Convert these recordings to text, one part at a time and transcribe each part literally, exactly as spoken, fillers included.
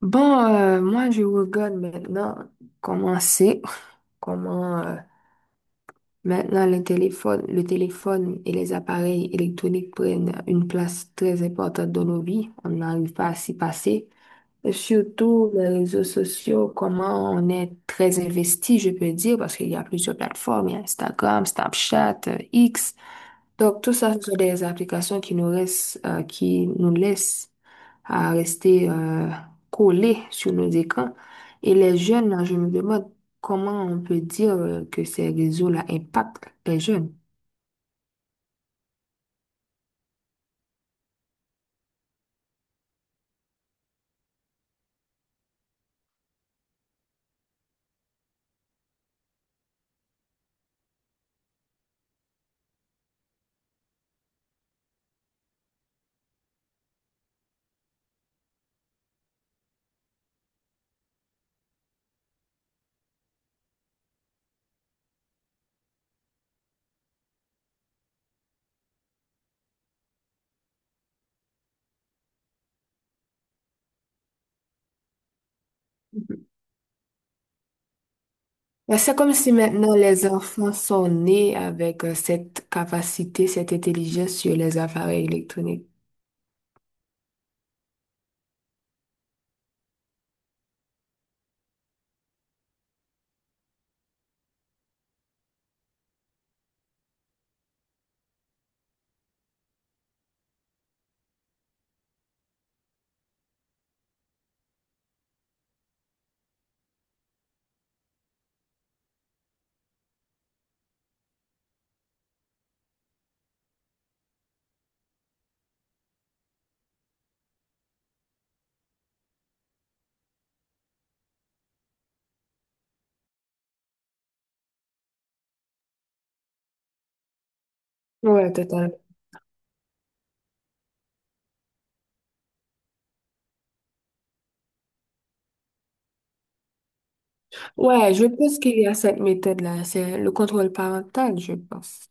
Bon, euh, moi, je regarde maintenant comment c'est, comment euh, maintenant le téléphone, le téléphone et les appareils électroniques prennent une place très importante dans nos vies. On n'arrive pas à s'y passer. Et surtout les réseaux sociaux, comment on est très investi, je peux dire, parce qu'il y a plusieurs plateformes, il y a Instagram, Snapchat, euh, X. Donc, tout ça, ce sont des applications qui nous restent, euh, qui nous laissent à rester euh, collés sur nos écrans. Et les jeunes, là, je me demande comment on peut dire euh, que ces réseaux-là impactent les jeunes. Mais c'est comme si maintenant les enfants sont nés avec euh, cette capacité, cette intelligence sur les appareils électroniques. Ouais, totalement. Ouais, je pense qu'il y a cette méthode-là, c'est le contrôle parental, je pense,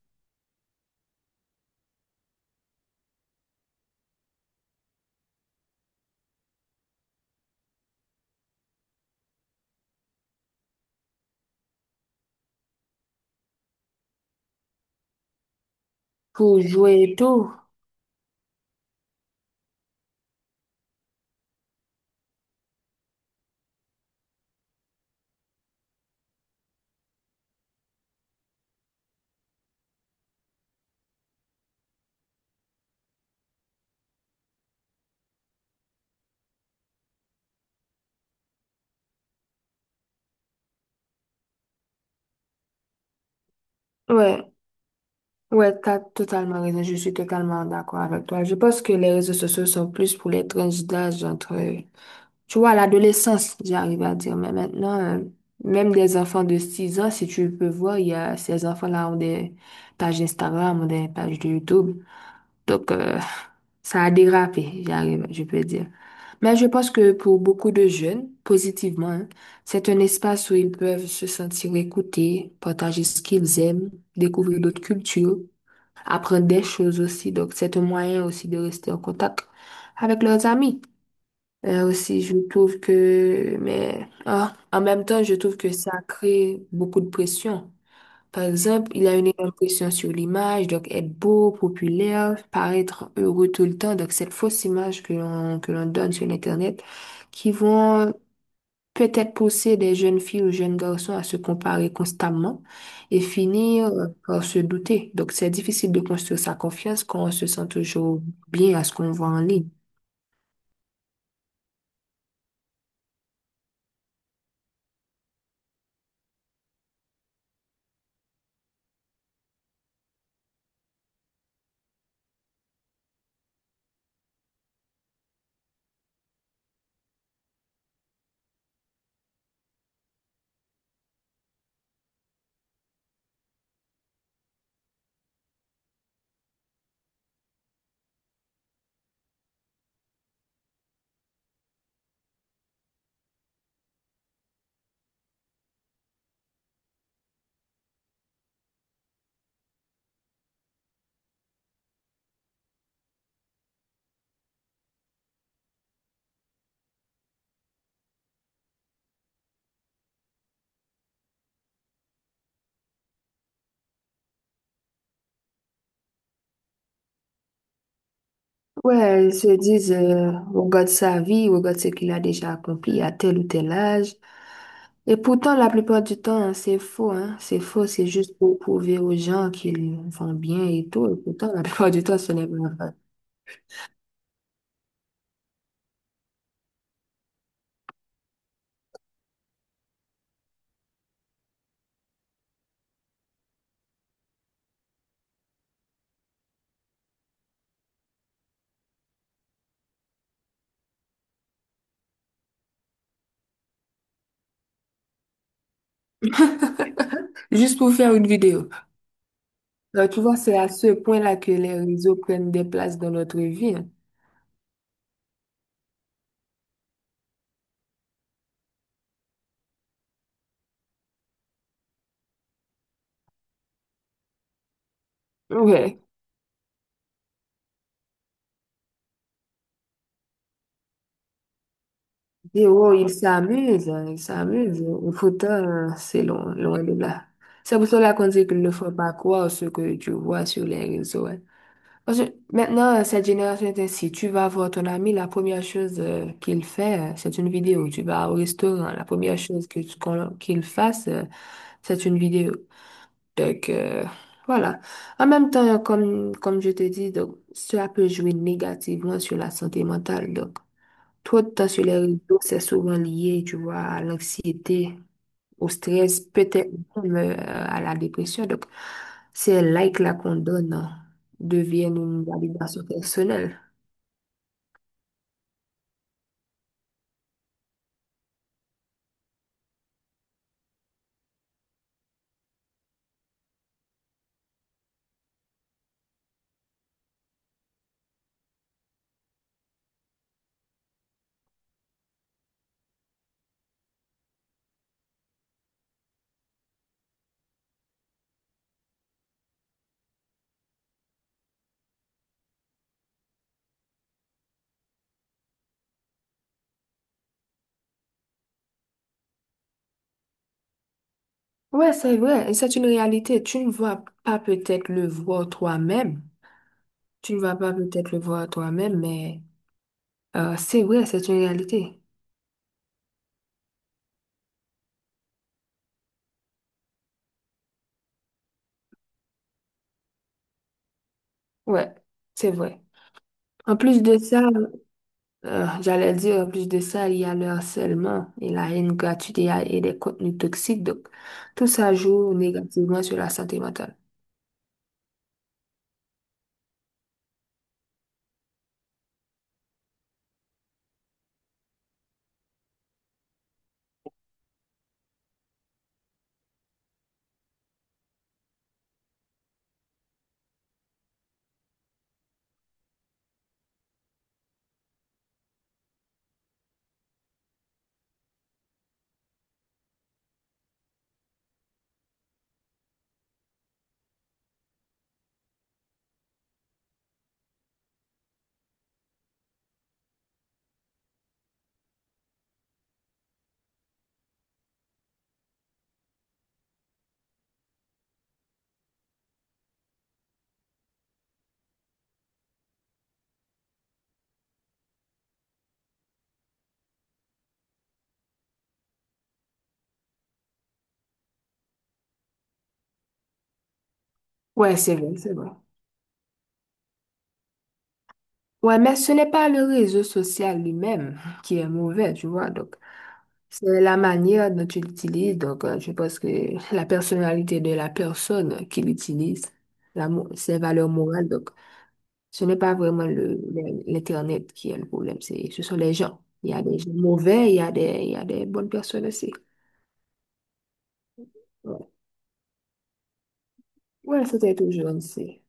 pour jouer tôt. Ouais, ouais, t'as totalement raison, je suis totalement d'accord avec toi. Je pense que les réseaux sociaux sont plus pour les tranches d'âge entre, tu vois, l'adolescence, j'arrive à dire, mais maintenant, euh, même des enfants de six ans, si tu peux voir, il y a, ces enfants-là ont des pages Instagram, ont des pages de YouTube. Donc, euh, ça a dérapé, j'arrive, je peux dire. Mais je pense que pour beaucoup de jeunes, positivement, hein, c'est un espace où ils peuvent se sentir écoutés, partager ce qu'ils aiment, découvrir d'autres cultures, apprendre des choses aussi. Donc, c'est un moyen aussi de rester en contact avec leurs amis. Euh, aussi, je trouve que, mais ah, en même temps, je trouve que ça crée beaucoup de pression. Par exemple, il a une impression sur l'image, donc être beau, populaire, paraître heureux tout le temps. Donc, cette fausse image que l'on que l'on donne sur Internet, qui vont peut-être pousser des jeunes filles ou jeunes garçons à se comparer constamment et finir euh, par se douter. Donc, c'est difficile de construire sa confiance quand on se sent toujours bien à ce qu'on voit en ligne. Ouais, ils se disent, euh, on regarde sa vie, on regarde ce qu'il a déjà accompli à tel ou tel âge. Et pourtant, la plupart du temps, hein, c'est faux, hein. C'est faux, c'est juste pour prouver aux gens qu'ils vont bien et tout. Et pourtant, la plupart du temps, ce n'est pas vrai. Juste pour faire une vidéo. Donc, tu vois, c'est à ce point-là que les réseaux prennent des places dans notre vie, hein. Ouais. Et oh, ils s'amusent, hein, ils s'amusent. Et pourtant, euh, c'est loin, loin de là. C'est pour cela qu'on dit qu'ils ne faut pas croire ce que tu vois sur les réseaux, hein. Parce que maintenant, euh, cette génération est ainsi. Tu vas voir ton ami, la première chose euh, qu'il fait, euh, c'est une vidéo. Tu vas au restaurant, la première chose que tu- qu'on- qu'il fasse, euh, c'est une vidéo. Donc, euh, voilà. En même temps, comme, comme je te dis, donc, cela peut jouer négativement sur la santé mentale. Donc, trop de temps sur les réseaux, c'est souvent lié, tu vois, à l'anxiété, au stress, peut-être même euh, à la dépression. Donc, ces likes-là qu'on donne euh, deviennent une validation personnelle. Ouais, c'est vrai, et c'est une réalité. Tu ne vas pas peut-être le voir toi-même. Tu ne vas pas peut-être le voir toi-même, mais euh, c'est vrai, c'est une réalité. Ouais, c'est vrai. En plus de ça, Euh, j'allais dire, en plus de ça, il y a le harcèlement et la haine gratuite et, et des contenus toxiques. Donc, tout ça joue négativement sur la santé mentale. Ouais, c'est vrai, c'est vrai. Ouais, mais ce n'est pas le réseau social lui-même qui est mauvais, tu vois. Donc, c'est la manière dont tu l'utilises. Donc, euh, je pense que la personnalité de la personne qui l'utilise, la mo- ses valeurs morales. Donc, ce n'est pas vraiment le, le- l'Internet qui est le problème. C'est, ce sont les gens. Il y a des gens mauvais, il y a des, il y a des bonnes personnes aussi. Ouais, c'était toujours ainsi.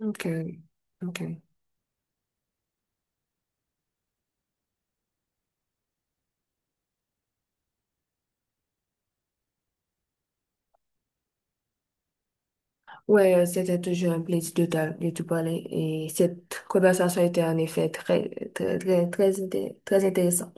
Ok, ok. Ouais, c'était toujours un plaisir de te, de te parler et cette conversation était en effet très, très, très, très, inté- très intéressante.